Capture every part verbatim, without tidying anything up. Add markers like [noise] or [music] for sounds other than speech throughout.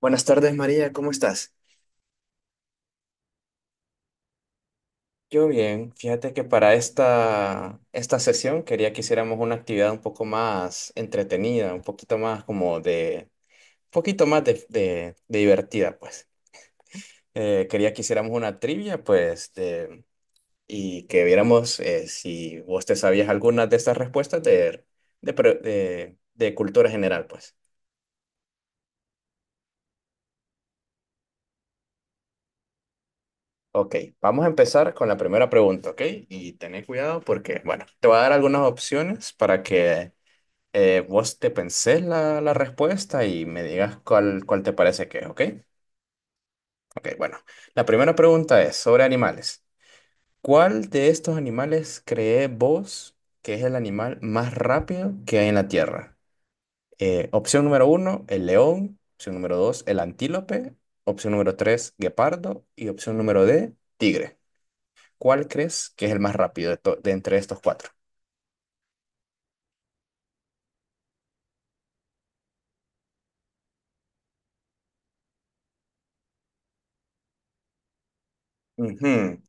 Buenas tardes, María, ¿cómo estás? Yo bien, fíjate que para esta, esta sesión quería que hiciéramos una actividad un poco más entretenida, un poquito más como de, un poquito más de, de- de divertida, pues. Eh, quería que hiciéramos una trivia, pues, de- y que viéramos eh, si vos te sabías alguna de estas respuestas de, de, pre- de, de cultura general, pues. Ok, vamos a empezar con la primera pregunta, ¿ok? Y tened cuidado porque, bueno, te voy a dar algunas opciones para que eh, vos te pensés la, la respuesta y me digas cuál, cuál te parece que es, ¿ok? Ok, bueno. La primera pregunta es sobre animales. ¿Cuál de estos animales crees vos que es el animal más rápido que hay en la Tierra? Eh, opción número uno, el león. Opción número dos, el antílope. Opción número tres, guepardo. Y opción número D, tigre. ¿Cuál crees que es el más rápido de, to- de entre estos cuatro? Ujú.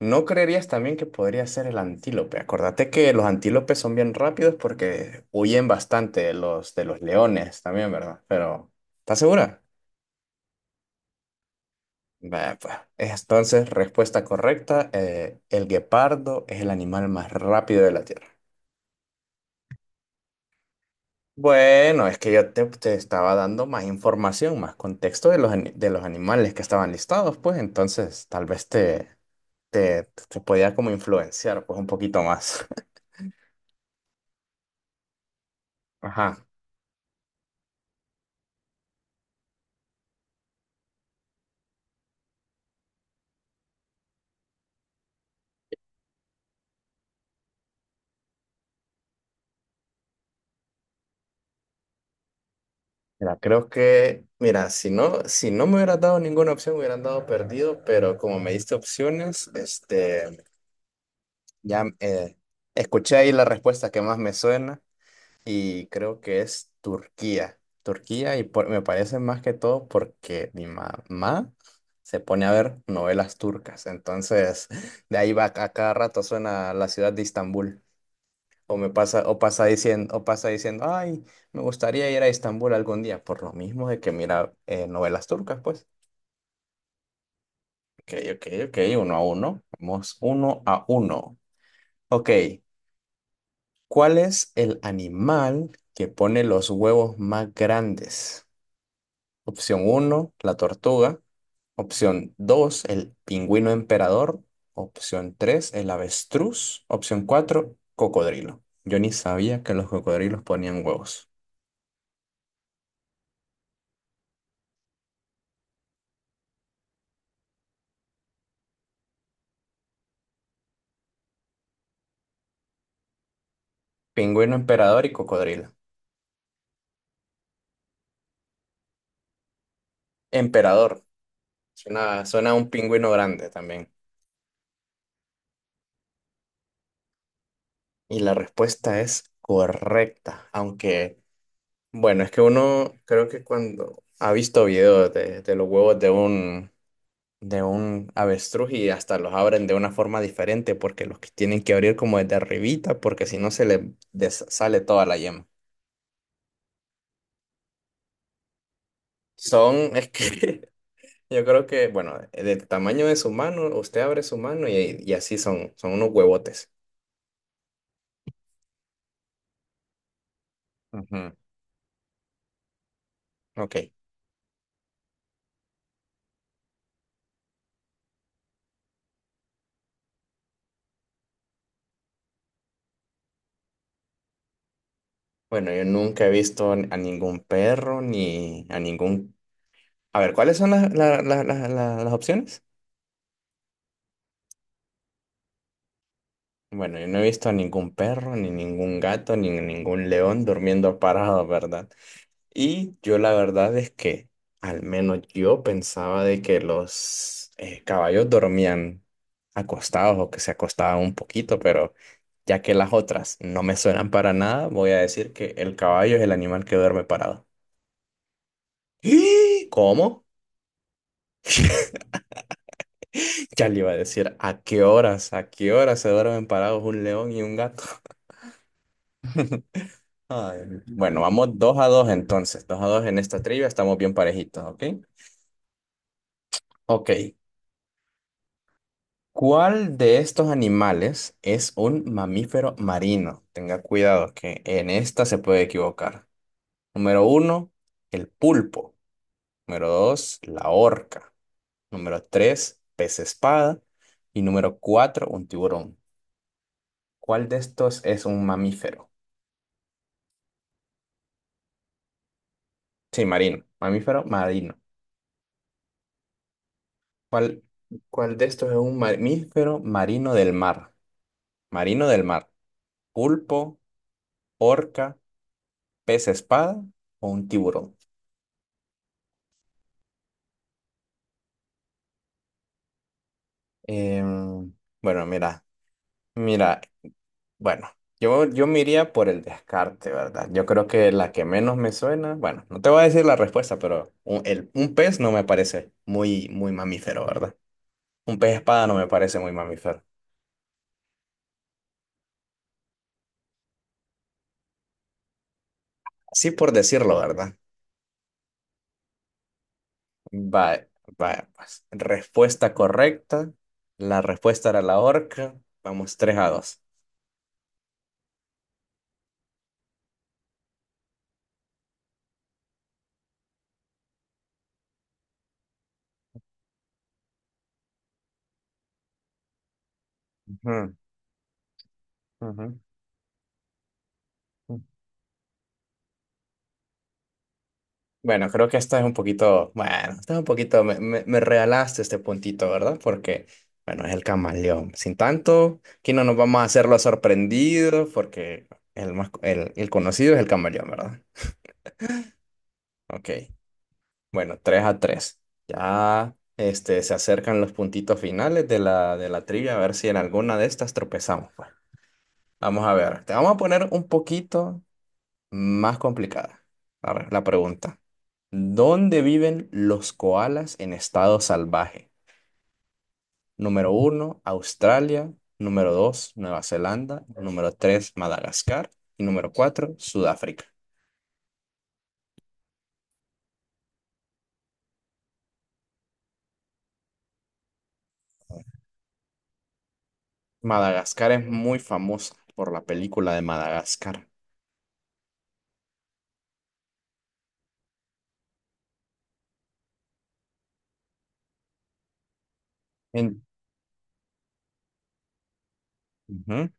¿No creerías también que podría ser el antílope? Acordate que los antílopes son bien rápidos porque huyen bastante de los, de los leones también, ¿verdad? Pero, ¿estás segura? Vaya, pues. Entonces, respuesta correcta, eh, el guepardo es el animal más rápido de la Tierra. Bueno, es que yo te, te estaba dando más información, más contexto de los, ani- de los animales que estaban listados, pues entonces tal vez te, te, te podía como influenciar pues un poquito más. [laughs] Ajá. Mira, creo que, mira, si no, si no me hubieras dado ninguna opción, me hubieran dado perdido, pero como me diste opciones, este, ya eh, escuché ahí la respuesta que más me suena y creo que es Turquía. Turquía y por- me parece más que todo porque mi mamá se pone a ver novelas turcas, entonces [laughs] de ahí va a cada rato suena la ciudad de Estambul. O me pasa, o pasa diciendo, o pasa diciendo, ay, me gustaría ir a Estambul algún día, por lo mismo de que mira eh, novelas turcas, pues. Ok, ok, ok, uno a uno. Vamos uno a uno. Ok, ¿cuál es el animal que pone los huevos más grandes? Opción uno, la tortuga. Opción dos, el pingüino emperador. Opción tres, el avestruz. Opción cuatro, cocodrilo. Yo ni sabía que los cocodrilos ponían huevos. Pingüino emperador y cocodrilo. Emperador. Suena, suena a un pingüino grande también. Y la respuesta es correcta. Aunque, bueno, es que uno creo que cuando ha visto videos de, de los huevos de un, de un avestruz y hasta los abren de una forma diferente porque los que tienen que abrir como desde arribita porque si no se les des- sale toda la yema. Son, es que [laughs] yo creo que, bueno, del tamaño de su mano, usted abre su mano y, y así son, son unos huevotes. Ujú. Ok. Bueno, yo nunca he visto a ningún perro ni a ningún... A ver, ¿cuáles son las, la- la- la- la- las opciones? Bueno, yo no he visto a ningún perro, ni ningún gato, ni ningún león durmiendo parado, ¿verdad? Y yo la verdad es que, al menos yo pensaba de que los eh, caballos dormían acostados o que se acostaban un poquito, pero ya que las otras no me suenan para nada, voy a decir que el caballo es el animal que duerme parado. [gasps] ¿Y? ¿Cómo? Ya le iba a decir, ¿a qué horas, a qué horas se duermen parados un león y un gato? [laughs] Ay, Bueno, vamos dos a dos entonces, dos a dos en esta trivia, estamos bien parejitos, ¿ok? Ok, ¿cuál de estos animales es un mamífero marino? Tenga cuidado que en esta se puede equivocar. Número uno, el pulpo. Número dos, la orca. Número tres, pez espada. Y número cuatro, un tiburón. ¿Cuál de estos es un mamífero? Sí, marino. Mamífero marino. ¿Cuál, cuál de estos es un mamífero marino del mar? Marino del mar. Pulpo, orca, pez espada o un tiburón. Em, bueno, mira, mira, bueno, yo, yo me iría por el descarte, ¿verdad? Yo creo que la que menos me suena, bueno, no te voy a decir la respuesta, pero un, el- un pez no me parece muy, muy mamífero, ¿verdad? Un pez espada no me parece muy mamífero. sí por decirlo, ¿verdad? Vaya, vaya, pues. Respuesta correcta. La respuesta era la horca. Vamos, tres a dos. Ujú, ujú, ujú. Bueno, creo que esta es un poquito, bueno, esta es un poquito, me, me, me regalaste este puntito, ¿verdad? Porque, bueno, es el camaleón. Sin tanto, aquí no nos vamos a hacer los sorprendidos porque el más, el, el conocido es el camaleón, ¿verdad? Ok, bueno, tres a tres. Ya, este, se acercan los puntitos finales de la, de la trivia, a ver si en alguna de estas tropezamos, pues. Vamos a ver, te vamos a poner un poquito más complicada. Arre, la pregunta. ¿Dónde viven los koalas en estado salvaje? Número uno, Australia. Número dos, Nueva Zelanda. Número tres, Madagascar. Y número cuatro, Sudáfrica. Madagascar es muy famosa por la película de Madagascar. En- Ujú.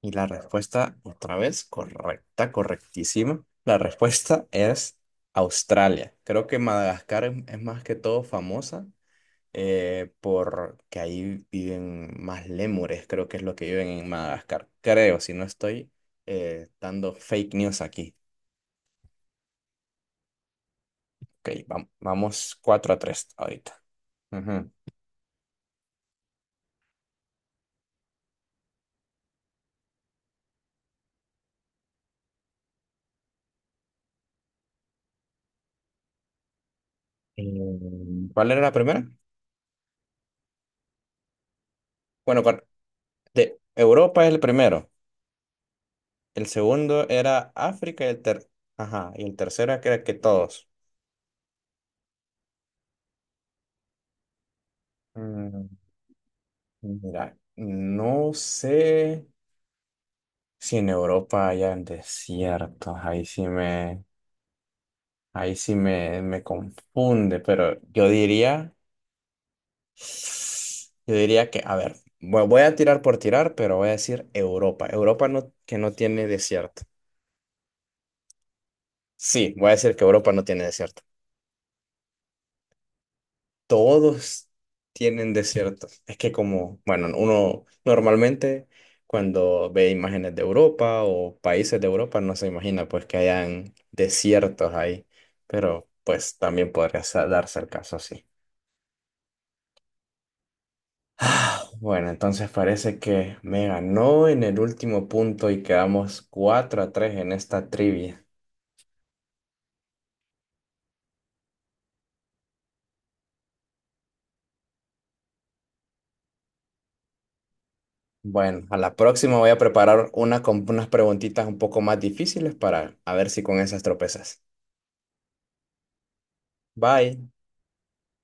Y la respuesta, otra vez, correcta, correctísima. La respuesta es Australia. Creo que Madagascar es, es más que todo famosa eh, porque ahí viven más lémures, creo que es lo que viven en Madagascar. Creo, si no estoy eh, dando fake news aquí. Ok, vam- vamos cuatro a tres ahorita. Ujú. Eh, ¿Cuál era la primera? Bueno, cuál- de Europa es el primero. El segundo era África y el ter... Ajá, y el tercero era que todos. Mm, mira, no sé si en Europa hayan desiertos. Ahí sí me, ahí sí me, me confunde, pero yo diría, yo diría que, a ver, vo- voy a tirar por tirar, pero voy a decir Europa. Europa no, que no tiene desierto. Sí, voy a decir que Europa no tiene desierto. Todos tienen desiertos. Es que como, bueno, uno normalmente cuando ve imágenes de Europa o países de Europa no se imagina pues que hayan desiertos ahí, pero pues también podría sa- darse el caso así. Ah, Bueno, entonces parece que me ganó en el último punto y quedamos cuatro a tres en esta trivia. Bueno, a la próxima voy a preparar una con unas preguntitas un poco más difíciles para a ver si con esas tropezas. Bye.